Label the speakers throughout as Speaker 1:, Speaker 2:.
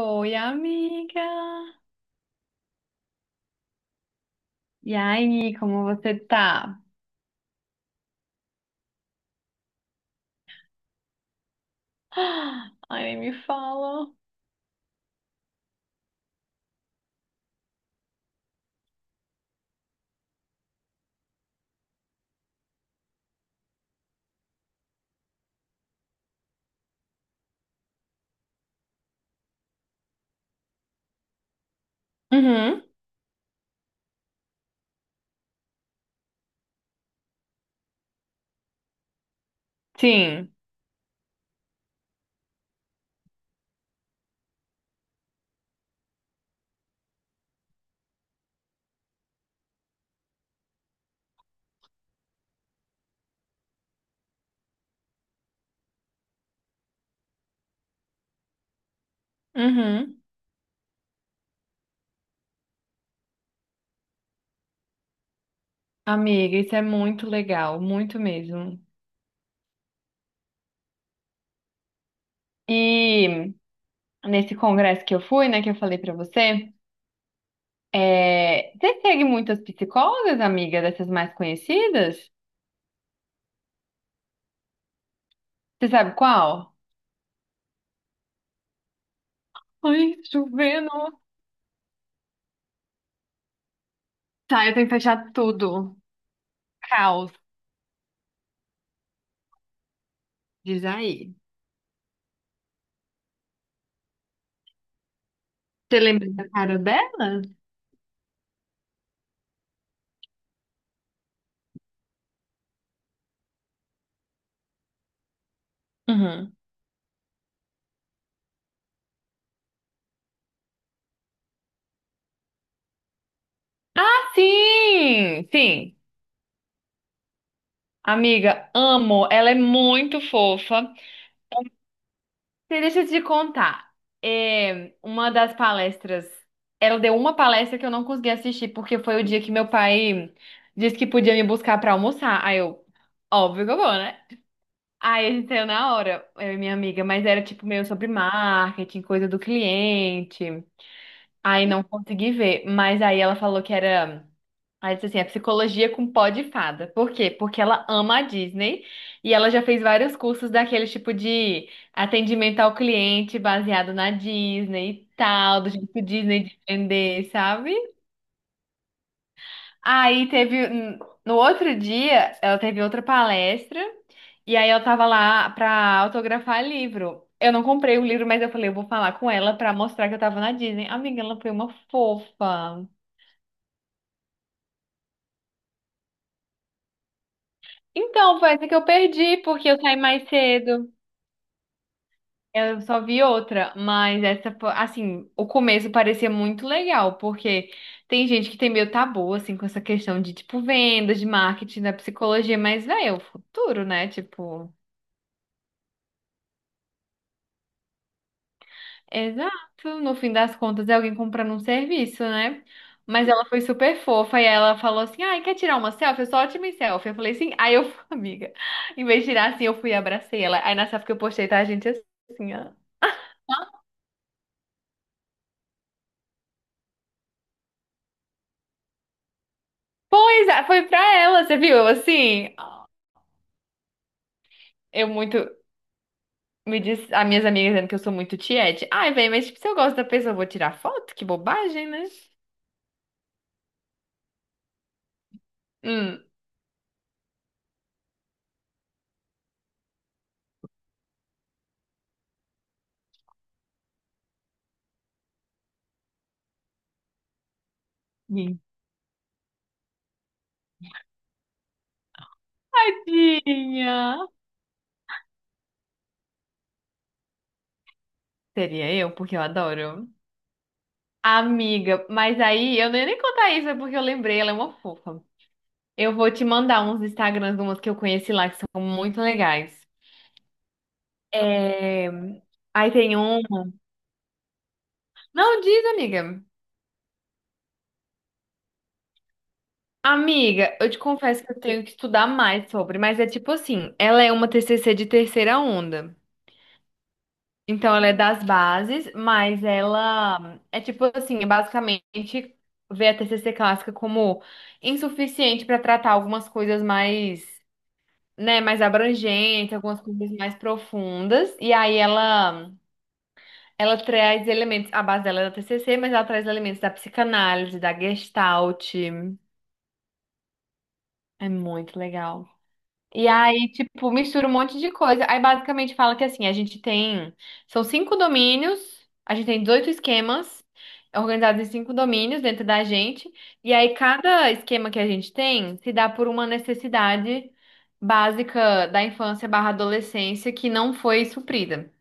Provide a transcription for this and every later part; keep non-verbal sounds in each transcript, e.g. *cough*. Speaker 1: Oi, amiga! E aí, como você tá? Ah, ai, nem me fala. Uhum, sim. Uhum. Amiga, isso é muito legal, muito mesmo. E nesse congresso que eu fui, né, que eu falei pra você, você segue muitas psicólogas, amiga, dessas mais conhecidas? Você sabe qual? Ai, chovendo. Tá, eu tenho que fechar tudo. Caos, diz aí. Você lembra da cara dela? Uhum. Ah, sim! Sim. Amiga, amo. Ela é muito fofa. E deixa eu te contar. É, uma das palestras. Ela deu uma palestra que eu não consegui assistir, porque foi o dia que meu pai disse que podia me buscar pra almoçar. Aí eu, óbvio que eu vou, né? Aí a gente saiu na hora, eu e minha amiga, mas era tipo meio sobre marketing, coisa do cliente. Aí não consegui ver. Mas aí ela falou que era. Aí disse assim, é psicologia com pó de fada. Por quê? Porque ela ama a Disney e ela já fez vários cursos daquele tipo de atendimento ao cliente baseado na Disney e tal, do jeito Disney de vender, sabe? Aí teve, no outro dia, ela teve outra palestra e aí eu tava lá pra autografar livro. Eu não comprei o livro, mas eu falei, eu vou falar com ela pra mostrar que eu tava na Disney. Amiga, ela foi uma fofa. Então, foi essa que eu perdi, porque eu saí mais cedo. Eu só vi outra, mas essa, assim, o começo parecia muito legal, porque tem gente que tem meio tabu, assim, com essa questão de, tipo, vendas, de marketing, da psicologia, mas, velho, é o futuro, né? Tipo, exato, no fim das contas é alguém comprando um serviço, né? Mas ela foi super fofa e ela falou assim: ai, quer tirar uma selfie? Eu sou ótima em selfie. Eu falei assim: aí eu, *laughs* amiga, em vez de tirar assim, eu fui e abracei ela. Aí na selfie que eu postei, tá, gente, assim, ó. Pois é, foi pra ela, você viu? Eu, assim. Eu muito. Me diz, as minhas amigas dizendo que eu sou muito tiete. Ai, velho, mas tipo, se eu gosto da pessoa, eu vou tirar foto? Que bobagem, né? Hum. Sim. Tadinha. Seria eu, porque eu adoro. Amiga, mas aí eu não ia nem contar isso, é porque eu lembrei, ela é uma fofa. Eu vou te mandar uns Instagrams de umas que eu conheci lá, que são muito legais. É... Aí tem um. Não, diz, amiga. Amiga, eu te confesso que eu tenho que estudar mais sobre, mas é tipo assim, ela é uma TCC de terceira onda. Então, ela é das bases, mas ela é tipo assim, é basicamente vê a TCC clássica como insuficiente para tratar algumas coisas mais, né, mais abrangentes, algumas coisas mais profundas. E aí ela traz elementos, a base dela é da TCC, mas ela traz elementos da psicanálise, da Gestalt. É muito legal. E aí, tipo, mistura um monte de coisa. Aí basicamente fala que assim, a gente tem. São cinco domínios, a gente tem 18 esquemas organizados em cinco domínios dentro da gente. E aí, cada esquema que a gente tem se dá por uma necessidade básica da infância barra adolescência que não foi suprida.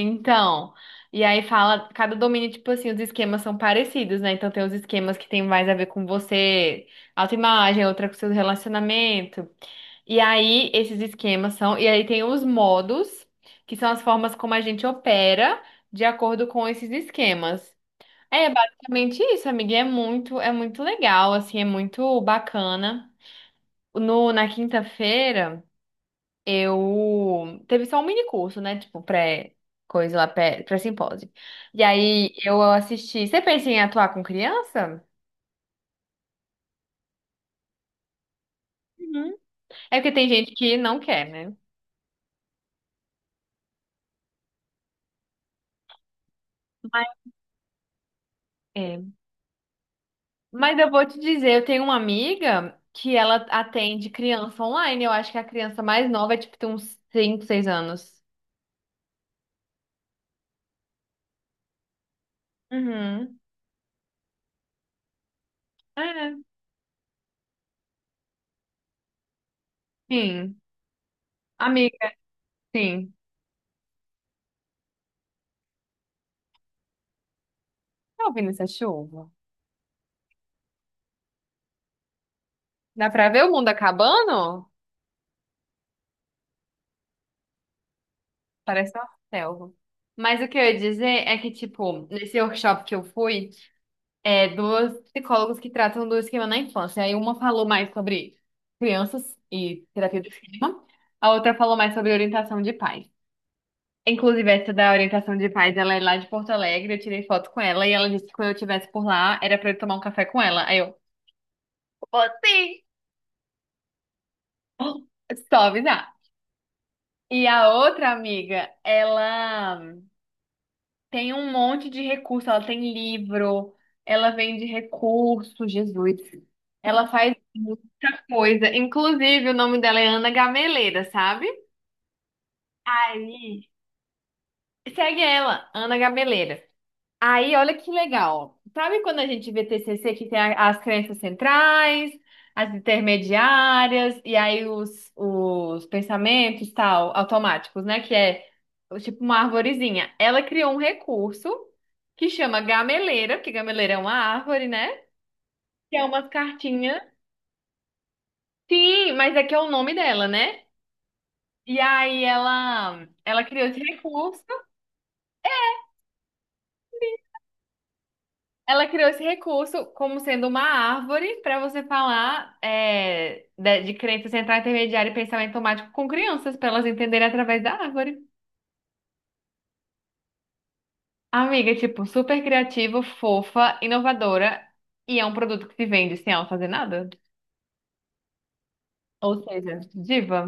Speaker 1: Então, e aí fala, cada domínio, tipo assim, os esquemas são parecidos, né? Então tem os esquemas que tem mais a ver com você, autoimagem, outra com seu relacionamento. E aí, esses esquemas são. E aí, tem os modos, que são as formas como a gente opera de acordo com esses esquemas. É basicamente isso, amiga. E é muito, é muito legal, assim, é muito bacana. No, na quinta-feira, eu. Teve só um mini curso, né? Tipo, pré. Coisa lá, pré-simpósio. E aí, eu assisti. Você pensa em atuar com criança? Uhum. É porque tem gente que não quer, né? Mas é. Mas eu vou te dizer, eu tenho uma amiga que ela atende criança online. Eu acho que a criança mais nova é tipo tem uns cinco seis anos. Uhum. É, sim. Amiga, sim. Tá ouvindo essa chuva? Dá pra ver o mundo acabando? Parece uma selva. Mas o que eu ia dizer é que, tipo, nesse workshop que eu fui, é duas psicólogas que tratam do esquema na infância. Aí uma falou mais sobre crianças e terapia do esquema, a outra falou mais sobre orientação de pais. Inclusive, essa da orientação de paz, ela é lá de Porto Alegre, eu tirei foto com ela e ela disse que quando eu estivesse por lá, era pra eu tomar um café com ela. Aí eu, vou sim! *gasps* Só avisar. E a outra amiga, ela tem um monte de recurso, ela tem livro, ela vende recurso, Jesus. Ela faz muita coisa. Inclusive, o nome dela é Ana Gameleira, sabe? Aí, segue ela, Ana Gameleira. Aí, olha que legal. Sabe quando a gente vê TCC que tem as crenças centrais, as intermediárias e aí os pensamentos tal, automáticos, né? Que é tipo uma arvorezinha. Ela criou um recurso que chama gameleira, porque gameleira é uma árvore, né? Que é umas cartinhas. Sim, mas é que é o nome dela, né? E aí ela criou esse recurso. Ela criou esse recurso como sendo uma árvore para você falar é, de crença central, intermediária e pensamento automático com crianças, para elas entenderem através da árvore. Amiga, tipo, super criativa, fofa, inovadora e é um produto que se vende sem ela fazer nada. Ou seja, diva.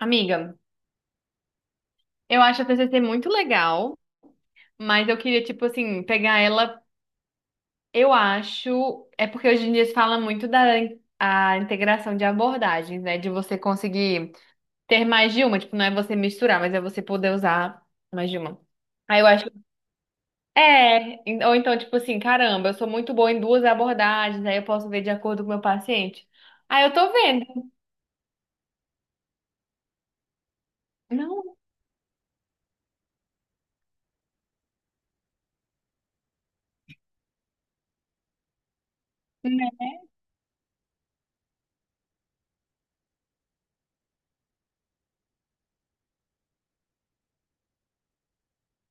Speaker 1: Amiga, eu acho a TCC muito legal, mas eu queria, tipo assim, pegar ela. Eu acho. É porque hoje em dia se fala muito da a integração de abordagens, né? De você conseguir ter mais de uma, tipo, não é você misturar, mas é você poder usar mais de uma. Aí eu acho, é, ou então, tipo assim, caramba, eu sou muito boa em duas abordagens, aí eu posso ver de acordo com o meu paciente. Aí eu tô vendo. Não, né?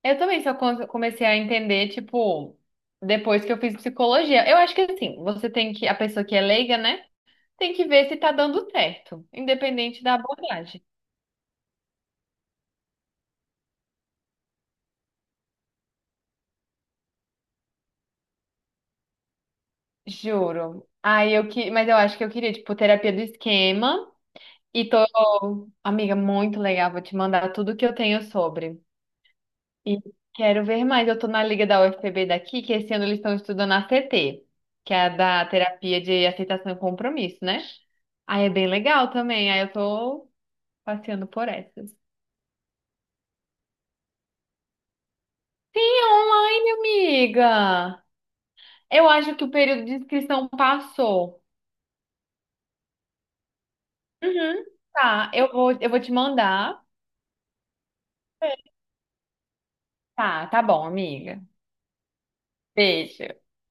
Speaker 1: Eu também só comecei a entender, tipo, depois que eu fiz psicologia. Eu acho que assim, você tem que, a pessoa que é leiga, né, tem que ver se tá dando certo, independente da abordagem. Juro. Aí eu que, mas eu acho que eu queria, tipo, terapia do esquema. E tô, amiga, muito legal. Vou te mandar tudo que eu tenho sobre. E quero ver mais. Eu tô na liga da UFPB daqui, que esse ano eles estão estudando a CT, que é a da terapia de aceitação e compromisso, né? Aí é bem legal também. Aí eu tô passeando por essas. Sim, online, amiga. Eu acho que o período de inscrição passou. Uhum. Tá, eu vou te mandar. Tá, tá bom, amiga. Beijo.